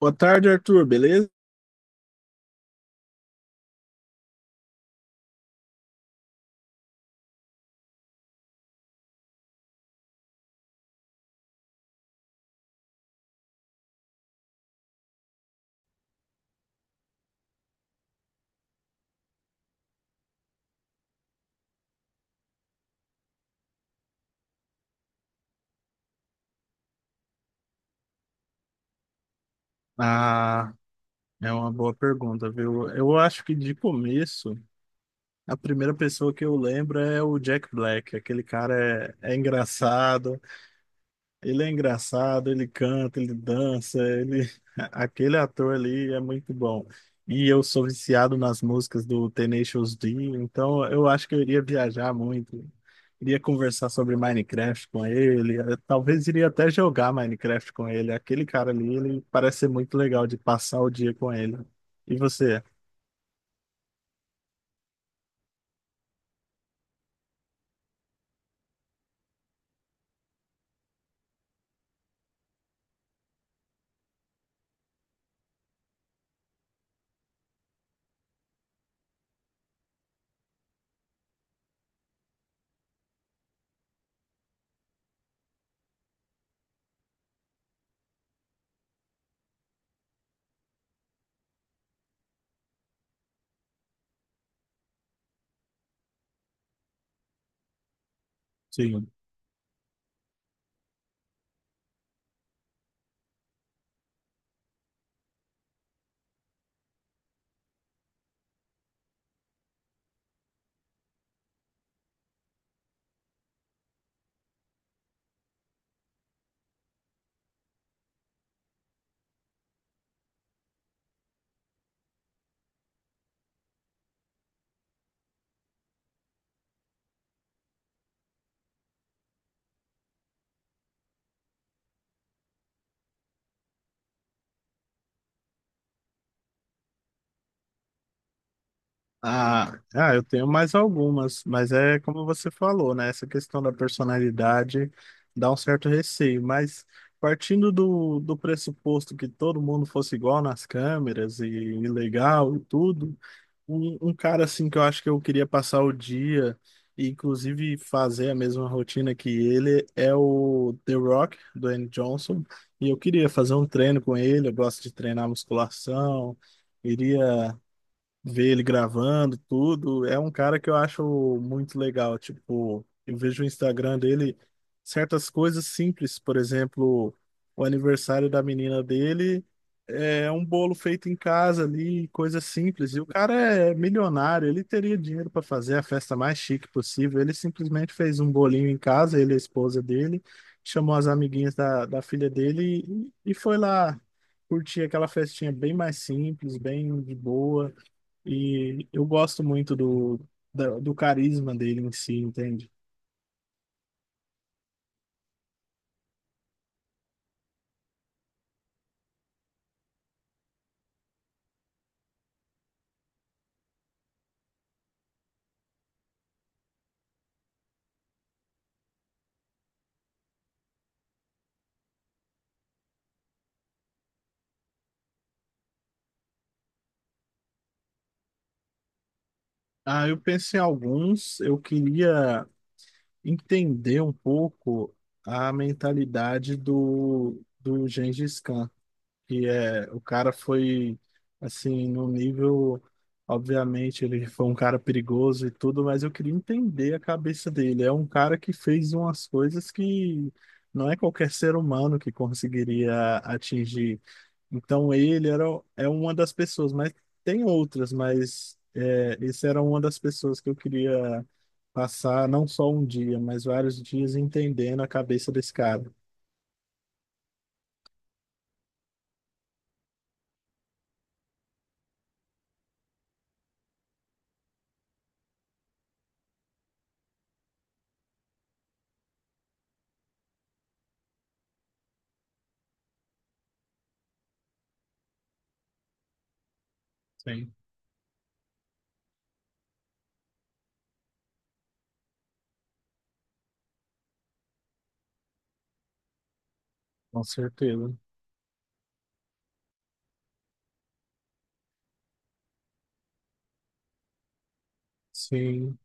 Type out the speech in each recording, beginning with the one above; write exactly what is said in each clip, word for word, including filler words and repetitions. Boa tarde, Arthur, beleza? Ah, é uma boa pergunta, viu? Eu acho que de começo, a primeira pessoa que eu lembro é o Jack Black. Aquele cara é, é engraçado. Ele é engraçado, ele canta, ele dança, ele... Aquele ator ali é muito bom. E eu sou viciado nas músicas do Tenacious D, então eu acho que eu iria viajar muito. Iria conversar sobre Minecraft com ele, eu talvez iria até jogar Minecraft com ele. Aquele cara ali, ele parece ser muito legal de passar o dia com ele. E você? Sim. Ah, eu tenho mais algumas, mas é como você falou, né? Essa questão da personalidade dá um certo receio, mas partindo do, do pressuposto que todo mundo fosse igual nas câmeras e, e legal e tudo, um, um cara assim que eu acho que eu queria passar o dia e inclusive fazer a mesma rotina que ele é o The Rock, do Dwayne Johnson, e eu queria fazer um treino com ele, eu gosto de treinar musculação, iria ver ele gravando tudo. É um cara que eu acho muito legal. Tipo, eu vejo o Instagram dele, certas coisas simples, por exemplo, o aniversário da menina dele é um bolo feito em casa ali, coisa simples. E o cara é milionário, ele teria dinheiro para fazer a festa mais chique possível. Ele simplesmente fez um bolinho em casa, ele e a esposa dele, chamou as amiguinhas da, da filha dele e, e foi lá. Curtir aquela festinha bem mais simples, bem de boa. E eu gosto muito do, da- do, carisma dele em si, entende? Ah, eu penso em alguns, eu queria entender um pouco a mentalidade do, do Gengis Khan, que é, o cara foi, assim, no nível, obviamente, ele foi um cara perigoso e tudo, mas eu queria entender a cabeça dele. É um cara que fez umas coisas que não é qualquer ser humano que conseguiria atingir. Então ele era, é uma das pessoas, mas tem outras, mas é, esse era uma das pessoas que eu queria passar não só um dia, mas vários dias entendendo a cabeça desse cara. Sim, com certeza. Sim,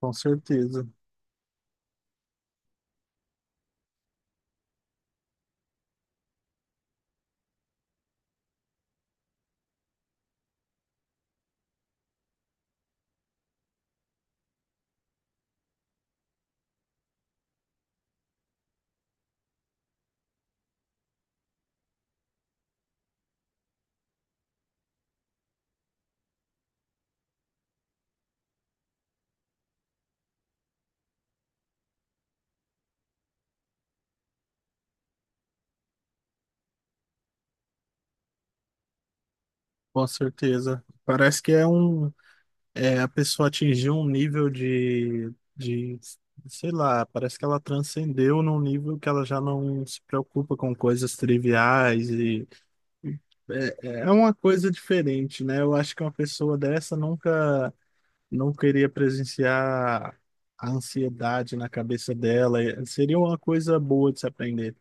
com certeza. Com certeza. Parece que é um, é, a pessoa atingiu um nível de, de, sei lá, parece que ela transcendeu num nível que ela já não se preocupa com coisas triviais e é, é é uma coisa diferente, né? Eu acho que uma pessoa dessa nunca não queria presenciar a ansiedade na cabeça dela. E seria uma coisa boa de se aprender.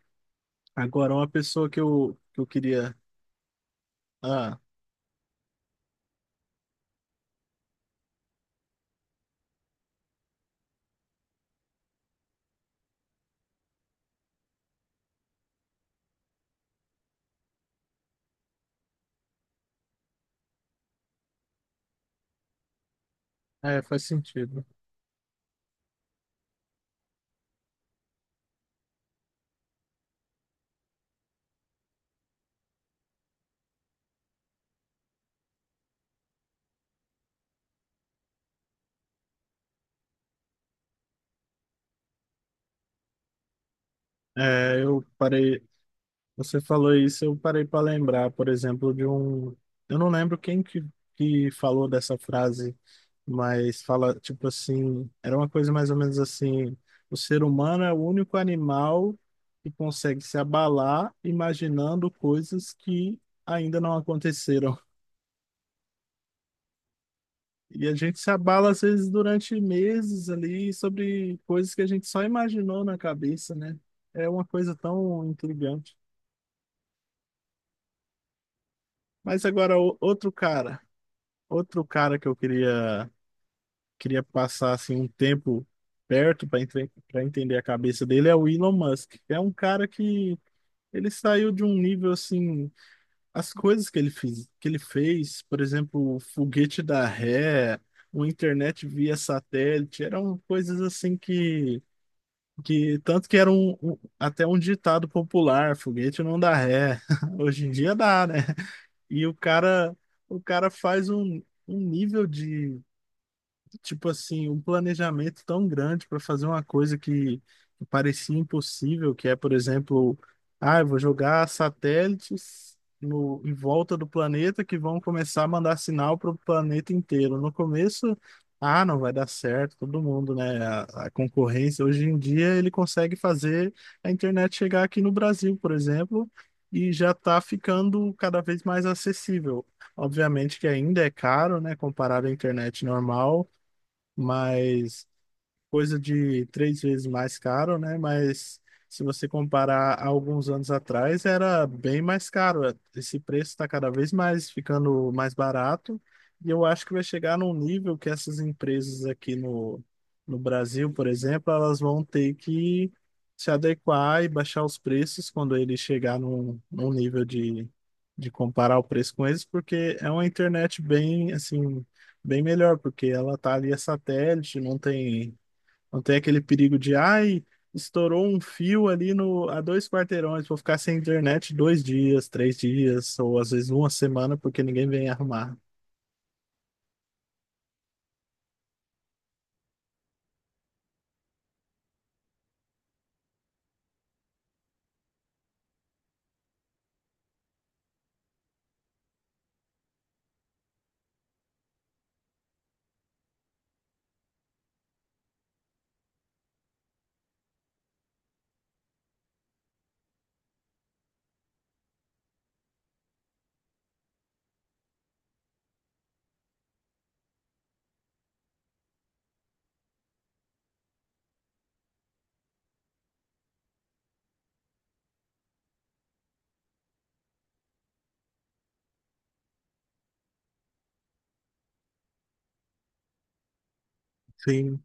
Agora, uma pessoa que eu, que eu queria. Ah, é, faz sentido. É, eu parei. Você falou isso, eu parei para lembrar, por exemplo, de um. Eu não lembro quem que, que falou dessa frase, mas fala, tipo assim, era uma coisa mais ou menos assim: o ser humano é o único animal que consegue se abalar imaginando coisas que ainda não aconteceram. E a gente se abala, às vezes, durante meses ali, sobre coisas que a gente só imaginou na cabeça, né? É uma coisa tão intrigante. Mas agora, o- outro cara. Outro cara que eu queria, queria passar assim um tempo perto para para entender a cabeça dele é o Elon Musk. É um cara que ele saiu de um nível assim, as coisas que ele fez, que ele fez, por exemplo, o foguete da ré, o internet via satélite, eram coisas assim que que tanto que era um, um- até um ditado popular, foguete não dá ré. Hoje em dia dá, né? E o cara o cara faz um um nível, tipo assim, um planejamento tão grande para fazer uma coisa que, que parecia impossível, que é, por exemplo, ah, eu vou jogar satélites no, em volta do planeta que vão começar a mandar sinal para o planeta inteiro. No começo, ah, não vai dar certo, todo mundo, né? A, a concorrência. Hoje em dia ele consegue fazer a internet chegar aqui no Brasil, por exemplo, e já está ficando cada vez mais acessível. Obviamente que ainda é caro, né, comparado à internet normal, mas coisa de três vezes mais caro, né? Mas se você comparar a alguns anos atrás, era bem mais caro. Esse preço está cada vez mais ficando mais barato. E eu acho que vai chegar num nível que essas empresas aqui no, no Brasil, por exemplo, elas vão ter que se adequar e baixar os preços quando ele chegar num, num nível de, de comparar o preço com eles, porque é uma internet bem, assim, bem melhor, porque ela tá ali a satélite, não tem não tem aquele perigo de, ai, estourou um fio ali no, a dois quarteirões, vou ficar sem internet dois dias, três dias, ou às vezes uma semana, porque ninguém vem arrumar. Sim.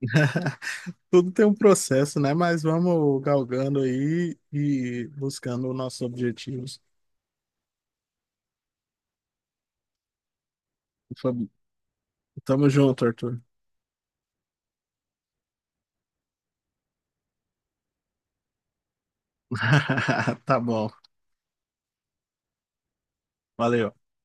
Tudo tem um processo, né? Mas vamos galgando aí e buscando os nossos objetivos. Tamo junto, Arthur. Tá bom. Valeu.